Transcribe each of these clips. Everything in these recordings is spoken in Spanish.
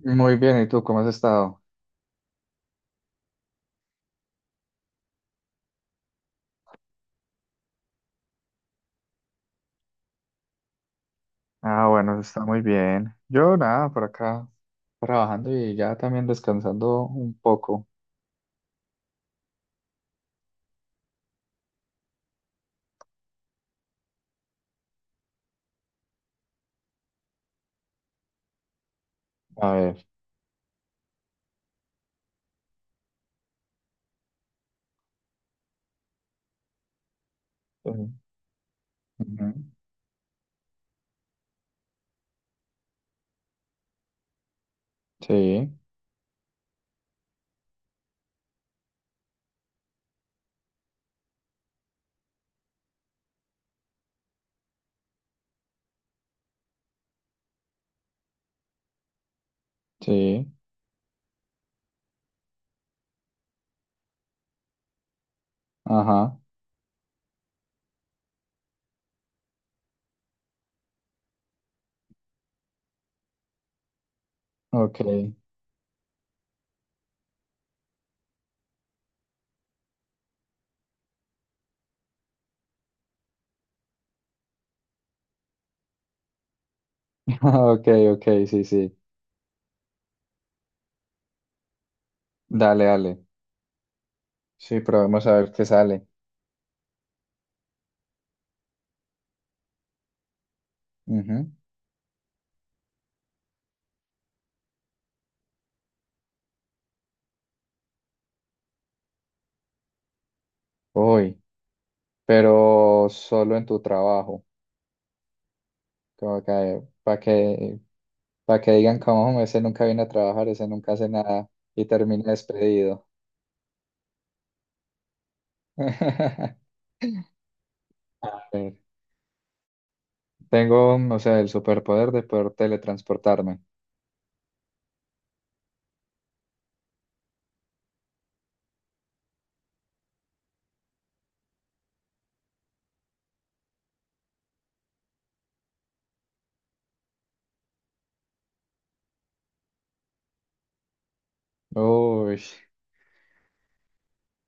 Muy bien, ¿y tú cómo has estado? Ah, bueno, está muy bien. Yo nada, por acá trabajando y ya también descansando un poco. A ver. Eh, ujú. Sí, sí, ajá, ok, ok, ok, sí, sí. Dale, dale. Sí, probemos a ver qué sale. Ujú. Uy, pero solo en tu trabajo, como que para que digan como ese nunca viene a trabajar, ese nunca hace nada y termina despedido. A ver. Tengo, o sea, el superpoder de poder teletransportarme. Uy,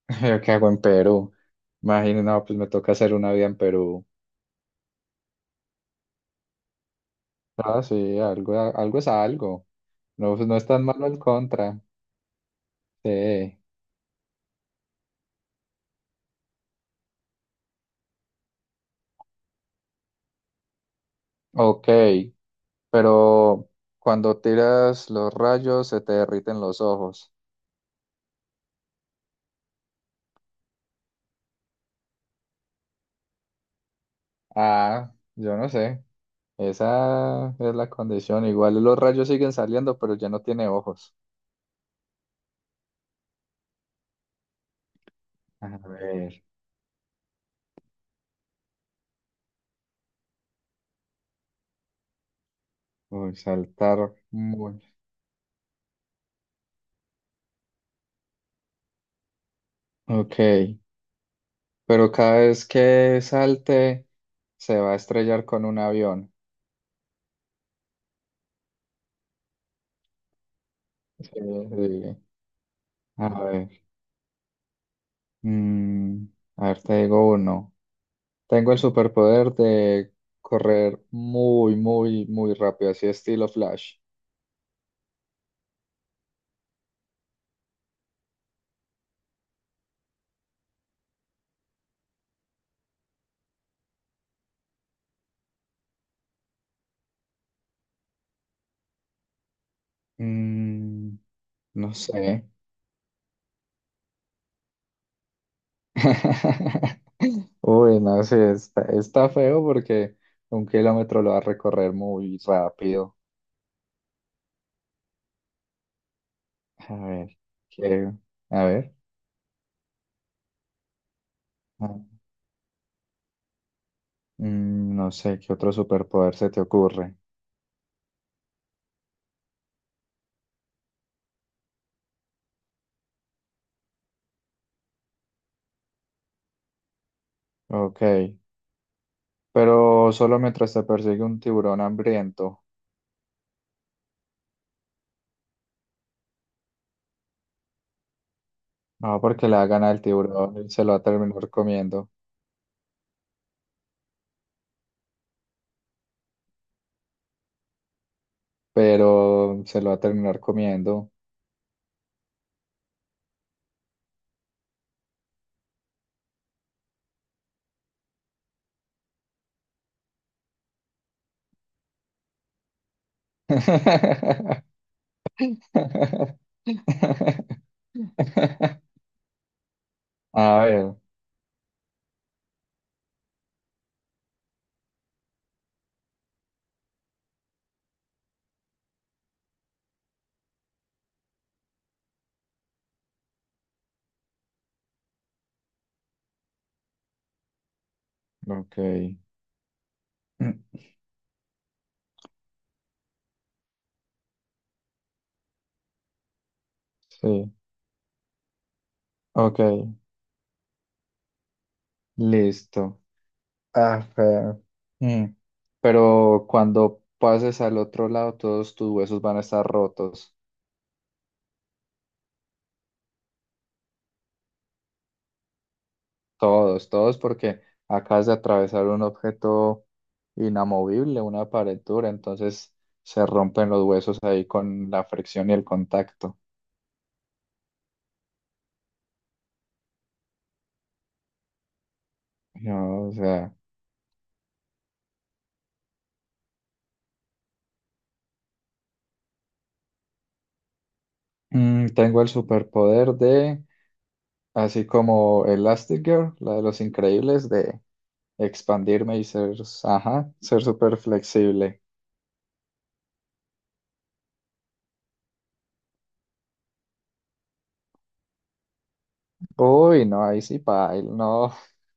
¿yo qué hago en Perú? Imagínate, no, pues me toca hacer una vida en Perú. Ah, sí, algo, algo es algo. No, pues no es tan malo el contra. Sí. Ok, pero cuando tiras los rayos se te derriten los ojos. Ah, yo no sé. Esa es la condición. Igual los rayos siguen saliendo, pero ya no tiene ojos. A ver, uy, saltar. Ok, pero cada vez que salte se va a estrellar con un avión. Sí, sí. A ver, mm, a ver, te digo uno. Tengo el superpoder de correr muy, muy, muy rápido, así estilo Flash. Mm, no sé. Uy, no sé, está feo porque un kilómetro lo va a recorrer muy rápido. A ver, ¿qué? A ver. Mm, no sé qué otro superpoder se te ocurre. Ok, pero solo mientras te persigue un tiburón hambriento. No, porque le va a ganar tiburón y se lo va a terminar comiendo. Pero se lo va a terminar comiendo. A ver, ok. Sí, ok, listo. Ah, pero, mm, pero cuando pases al otro lado, todos tus huesos van a estar rotos. Todos, todos, porque acabas de atravesar un objeto inamovible, una pared dura, entonces se rompen los huesos ahí con la fricción y el contacto. Yo, o sea, mm, tengo el superpoder de, así como Elastigirl, la de los increíbles, de expandirme y ser, ajá, ser súper flexible. Uy, no, ahí sí, paila, no.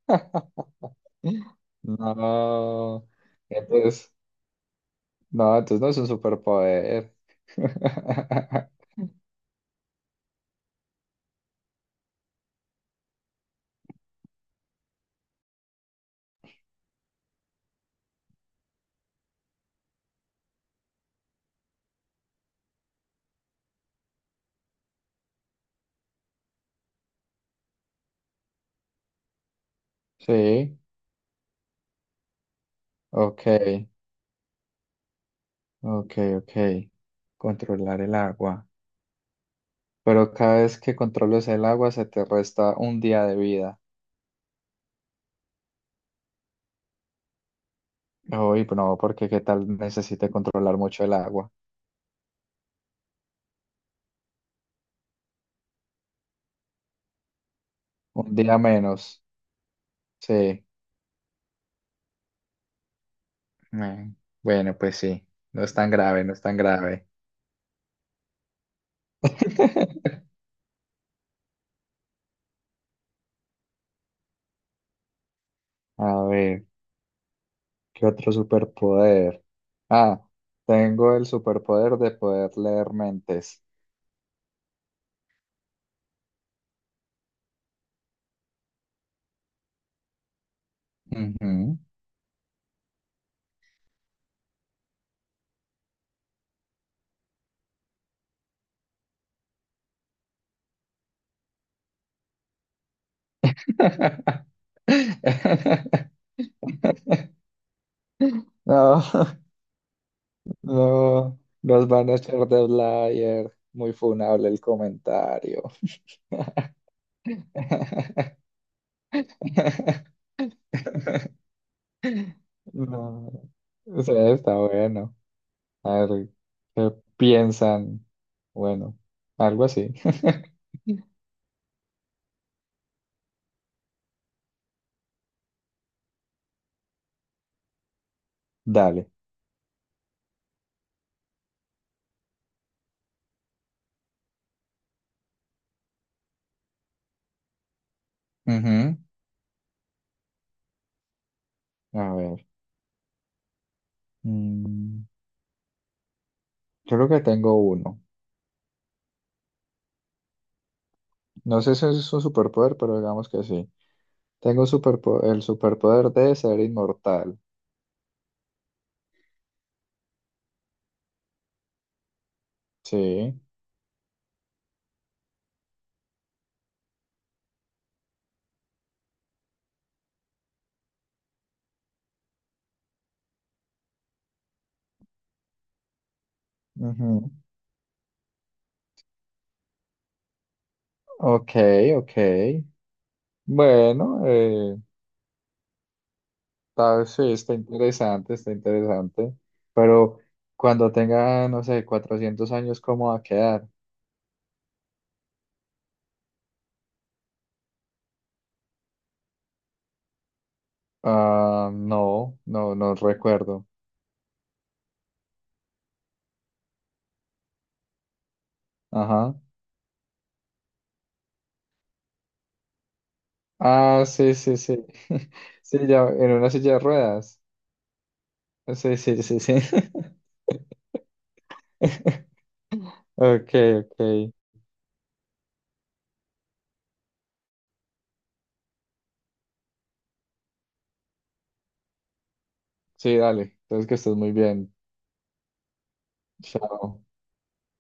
No. Entonces. No, entonces no es un superpoder. Sí, ok, ok, ok. Controlar el agua. Pero cada vez que controles el agua se te resta un día de vida. Uy, no, porque qué tal necesite controlar mucho el agua. Un día menos. Sí. Mm, bueno, pues sí. No es tan grave, no es tan grave. A ver, ¿qué otro superpoder? Ah, tengo el superpoder de poder leer mentes. Ujú. No, no, nos van a echar de Blair. Muy funable el comentario. No, o sea, está bueno. A ver, ¿qué piensan? Bueno, algo así. Dale. Ujú. A ver. mm, Creo que tengo uno. No sé si es un superpoder, pero digamos que sí. Tengo el superpoder de ser inmortal. Sí. Ujú. Ok, ok. Bueno, tal, vez sí, está interesante, está interesante. Pero cuando tenga, no sé, 400 años, ¿cómo va a quedar? Ah, no, no, no recuerdo. Ajá. Ah, sí, sí, sí. Sí, ya, en una silla de ruedas. Sí, sí, sí, sí. Ok, ok. Sí, dale. Entonces que estés muy bien. Chao.